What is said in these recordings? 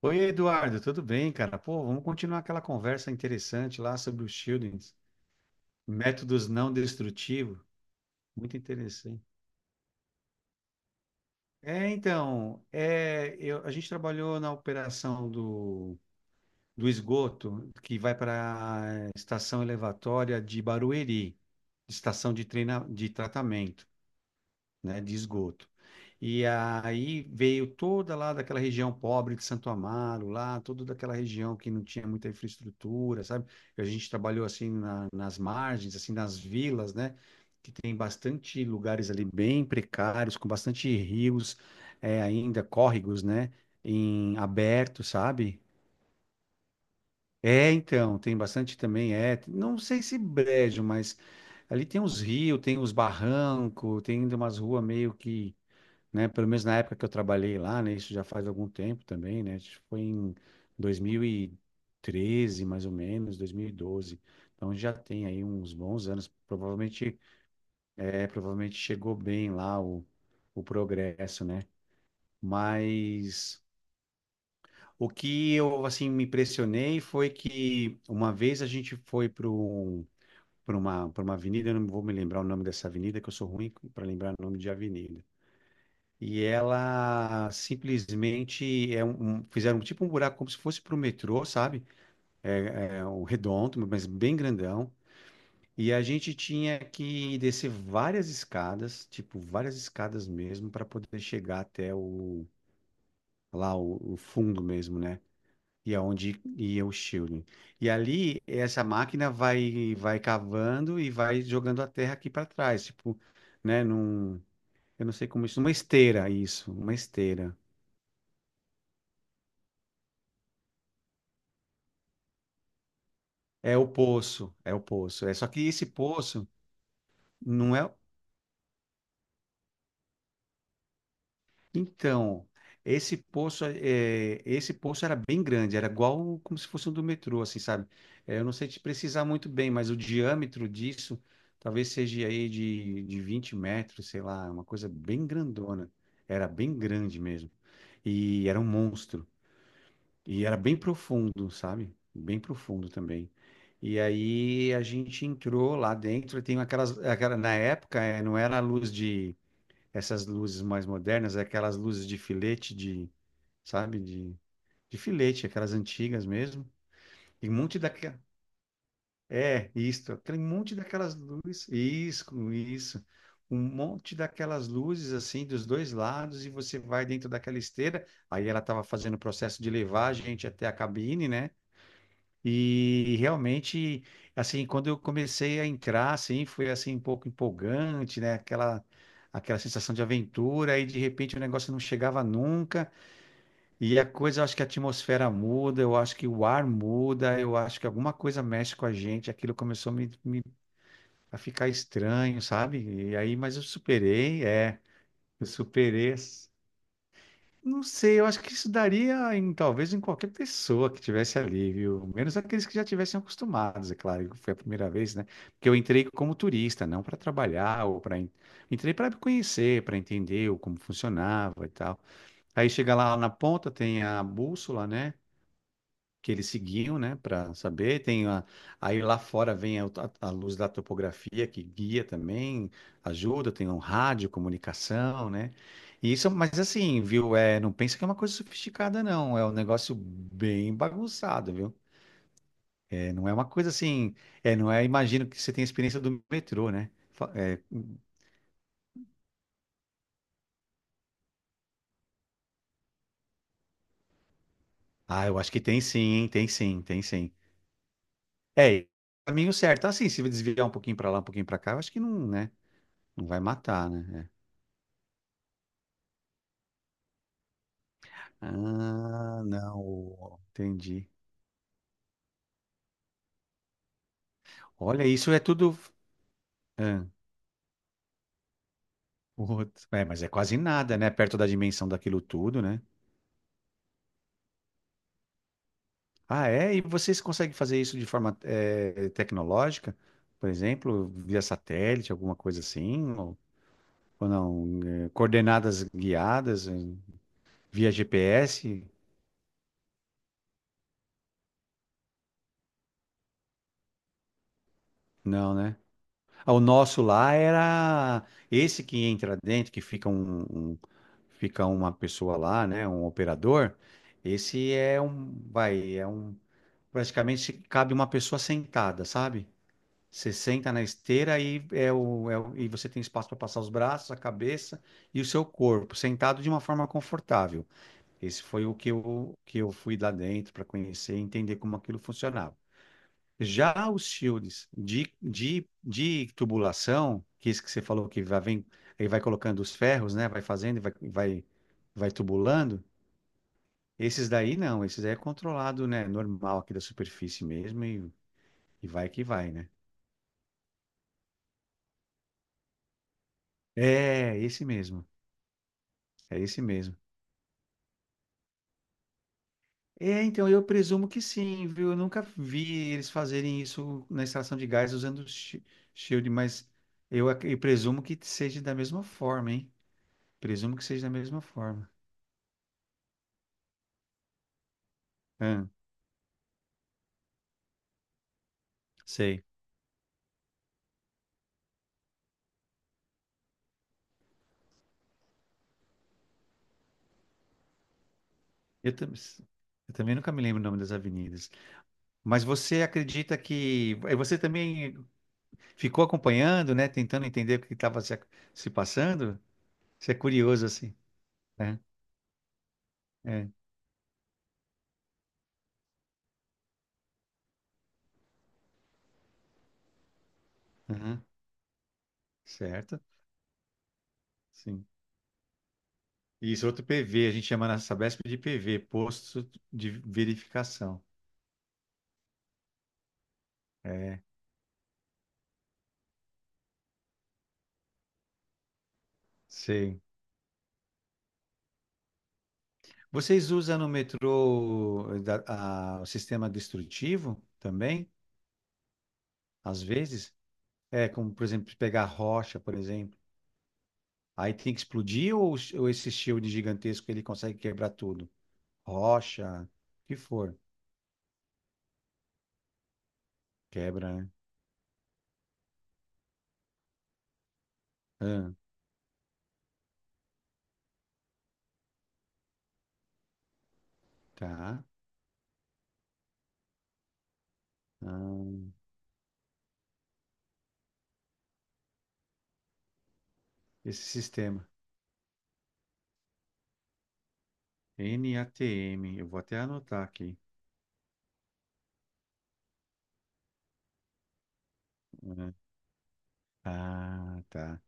Oi, Eduardo, tudo bem, cara? Pô, vamos continuar aquela conversa interessante lá sobre os shieldings, métodos não destrutivos, muito interessante. É, então, a gente trabalhou na operação do esgoto que vai para a estação elevatória de Barueri, estação de, treina, de tratamento, né, de esgoto. E aí veio toda lá daquela região pobre de Santo Amaro, lá, toda daquela região que não tinha muita infraestrutura, sabe? A gente trabalhou assim nas margens, assim nas vilas, né? Que tem bastante lugares ali bem precários, com bastante rios, é, ainda córregos, né? Em aberto, sabe? É, então, tem bastante também, é. Não sei se brejo, mas ali tem uns rios, tem uns barrancos, tem ainda umas ruas meio que, né? Pelo menos na época que eu trabalhei lá, né? Isso já faz algum tempo também, né? Isso foi em 2013, mais ou menos, 2012. Então já tem aí uns bons anos. Provavelmente, provavelmente chegou bem lá o progresso, né? Mas o que eu assim me impressionei foi que uma vez a gente foi para uma avenida, eu não vou me lembrar o nome dessa avenida, que eu sou ruim para lembrar o nome de avenida. E ela simplesmente fizeram tipo um buraco como se fosse para o metrô, sabe? É um redondo, mas bem grandão. E a gente tinha que descer várias escadas, tipo várias escadas mesmo, para poder chegar até o lá o fundo mesmo, né? E aonde ia o shielding. E ali essa máquina vai cavando e vai jogando a terra aqui para trás, tipo, né? Eu não sei como isso, uma esteira, isso, uma esteira. É o poço, é o poço. É só que esse poço não é. Então, esse poço era bem grande, era igual como se fosse um do metrô, assim, sabe? É, eu não sei te precisar muito bem, mas o diâmetro disso talvez seja aí de 20 metros, sei lá, uma coisa bem grandona. Era bem grande mesmo. E era um monstro. E era bem profundo, sabe? Bem profundo também. E aí a gente entrou lá dentro, e tem aquelas, aquela, na época não era a luz de, essas luzes mais modernas, é aquelas luzes de filete de, sabe? De filete, aquelas antigas mesmo. E um monte daquela, é, isso, aquele monte daquelas luzes, isso, isso. Um monte daquelas luzes assim dos dois lados e você vai dentro daquela esteira. Aí ela estava fazendo o processo de levar a gente até a cabine, né? E realmente, assim, quando eu comecei a entrar, assim, foi assim um pouco empolgante, né? Aquela sensação de aventura, e de repente o negócio não chegava nunca. E a coisa, eu acho que a atmosfera muda, eu acho que o ar muda, eu acho que alguma coisa mexe com a gente. Aquilo começou a ficar estranho, sabe? E aí, mas eu superei, eu superei. Não sei, eu acho que isso daria em talvez em qualquer pessoa que tivesse ali, viu? Menos aqueles que já tivessem acostumados, é claro, que foi a primeira vez, né? Porque eu entrei como turista, não para trabalhar ou para entrei para conhecer, para entender como funcionava e tal. Aí chega lá na ponta, tem a bússola, né? Que eles seguiam, né, para saber. Tem a, aí lá fora vem a luz da topografia que guia também, ajuda. Tem um rádio, comunicação, né? E isso, mas assim, viu? É, não pensa que é uma coisa sofisticada, não. É um negócio bem bagunçado, viu? É, não é uma coisa assim. É, não é. Imagino que você tem a experiência do metrô, né? Eu acho que tem sim, hein? Tem sim, tem sim. É, caminho certo. Assim, se desviar um pouquinho para lá, um pouquinho para cá, eu acho que não, né? Não vai matar, né? É. Ah, não, entendi. Olha, isso é tudo. Ah, putz. Mas é quase nada, né? Perto da dimensão daquilo tudo, né? Ah, é? E vocês conseguem fazer isso de forma tecnológica? Por exemplo, via satélite, alguma coisa assim? Ou não? Coordenadas guiadas, via GPS? Não, né? Ah, o nosso lá era esse que entra dentro, que fica fica uma pessoa lá, né, um operador. Esse é um, praticamente cabe uma pessoa sentada, sabe? Você senta na esteira e e você tem espaço para passar os braços, a cabeça e o seu corpo, sentado de uma forma confortável. Esse foi o que eu fui lá dentro para conhecer e entender como aquilo funcionava. Já os shields de tubulação, que esse que você falou que vai, vem, ele vai colocando os ferros, né? Vai fazendo e vai tubulando. Esses daí não, esses daí é controlado, né? Normal aqui da superfície mesmo e vai que vai, né? É, esse mesmo, é esse mesmo. É, então eu presumo que sim, viu? Eu nunca vi eles fazerem isso na extração de gás usando shield, mas eu presumo que seja da mesma forma, hein? Presumo que seja da mesma forma. Ahn. Sei. Eu, tam- eu também nunca me lembro o nome das avenidas. Mas você acredita que. Você também ficou acompanhando, né? Tentando entender o que estava se passando? Você é curioso, assim, né? É. Aham. Certo? Sim. Isso, é outro PV. A gente chama na Sabesp de PV, Posto de Verificação. É, sei. Vocês usam no metrô o sistema destrutivo também? Às vezes? É, como, por exemplo, pegar rocha, por exemplo. Aí tem que explodir ou esse shield gigantesco ele consegue quebrar tudo? Rocha, o que for. Quebra, né? Ah, tá. Ah, esse sistema. NATM. Eu vou até anotar aqui, né? Ah, tá.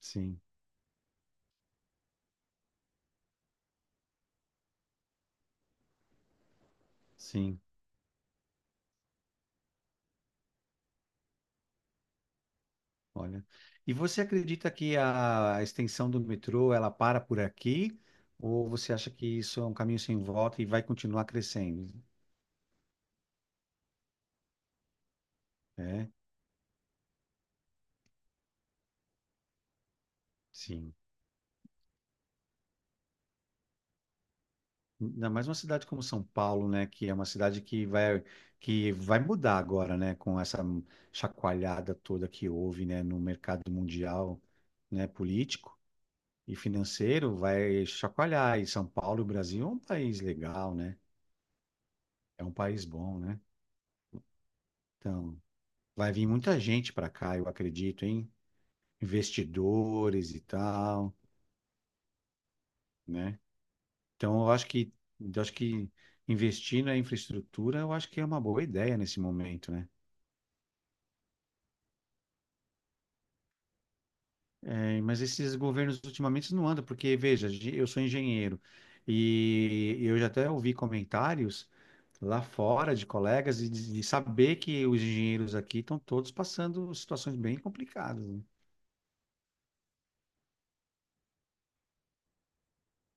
Sim, sim. Olha. E você acredita que a extensão do metrô ela para por aqui? Ou você acha que isso é um caminho sem volta e vai continuar crescendo? É, sim. Ainda mais uma cidade como São Paulo, né, que é uma cidade que vai mudar agora, né, com essa chacoalhada toda que houve, né, no mercado mundial, né, político e financeiro, vai chacoalhar. E São Paulo, o Brasil é um país legal, né? É um país bom, né? Então, vai vir muita gente para cá, eu acredito, hein? Investidores e tal, né? Então, eu acho que eu acho que investir na infraestrutura, eu acho que é uma boa ideia nesse momento, né? É, mas esses governos ultimamente não andam, porque, veja, eu sou engenheiro e eu já até ouvi comentários lá fora de colegas e de saber que os engenheiros aqui estão todos passando situações bem complicadas, né?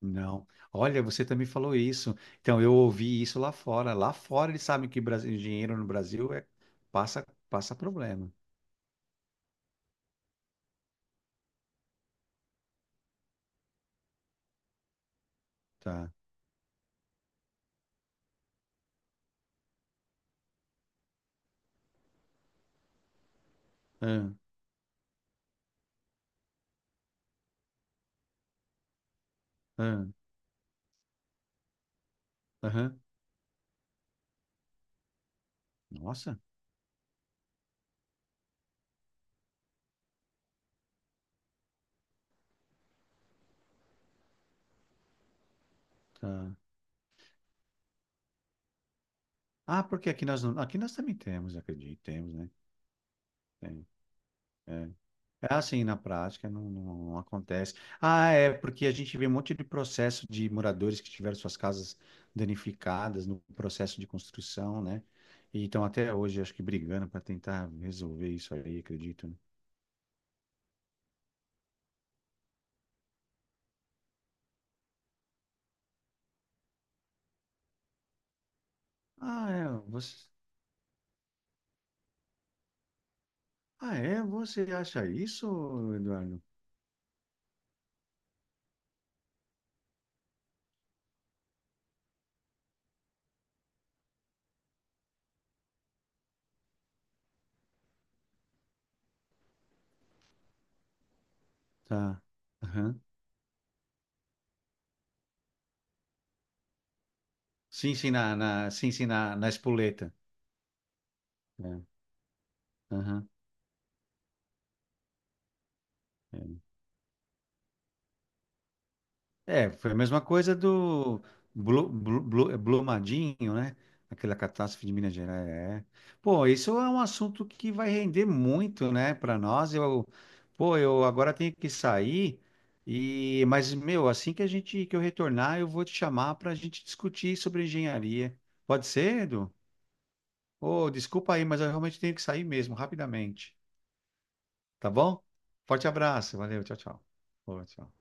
Não. Olha, você também falou isso. Então, eu ouvi isso lá fora. Lá fora eles sabem que engenheiro no Brasil passa problema. Tá. Ah, ah, aham. Nossa. Tá. Ah, porque aqui nós não, aqui nós também temos, acredito, temos, né? Tem, é. É assim, na prática, não acontece. Ah, é, porque a gente vê um monte de processo de moradores que tiveram suas casas danificadas no processo de construção, né? E estão até hoje, acho que, brigando para tentar resolver isso aí, acredito, né? Ah, é, você... ah, é, você acha isso, Eduardo? Tá. Aham. Sim, sim, na, na espoleta. É. Aham. É. É, foi a mesma coisa do Brumadinho, né? Aquela catástrofe de Minas Gerais. É. Pô, isso é um assunto que vai render muito, né, para nós. Pô, eu agora tenho que sair e, mas meu, assim que a gente que eu retornar, eu vou te chamar para a gente discutir sobre engenharia. Pode ser, Edu? Ô, desculpa aí, mas eu realmente tenho que sair mesmo, rapidamente. Tá bom? Forte abraço, valeu, tchau, tchau. Ô, tchau.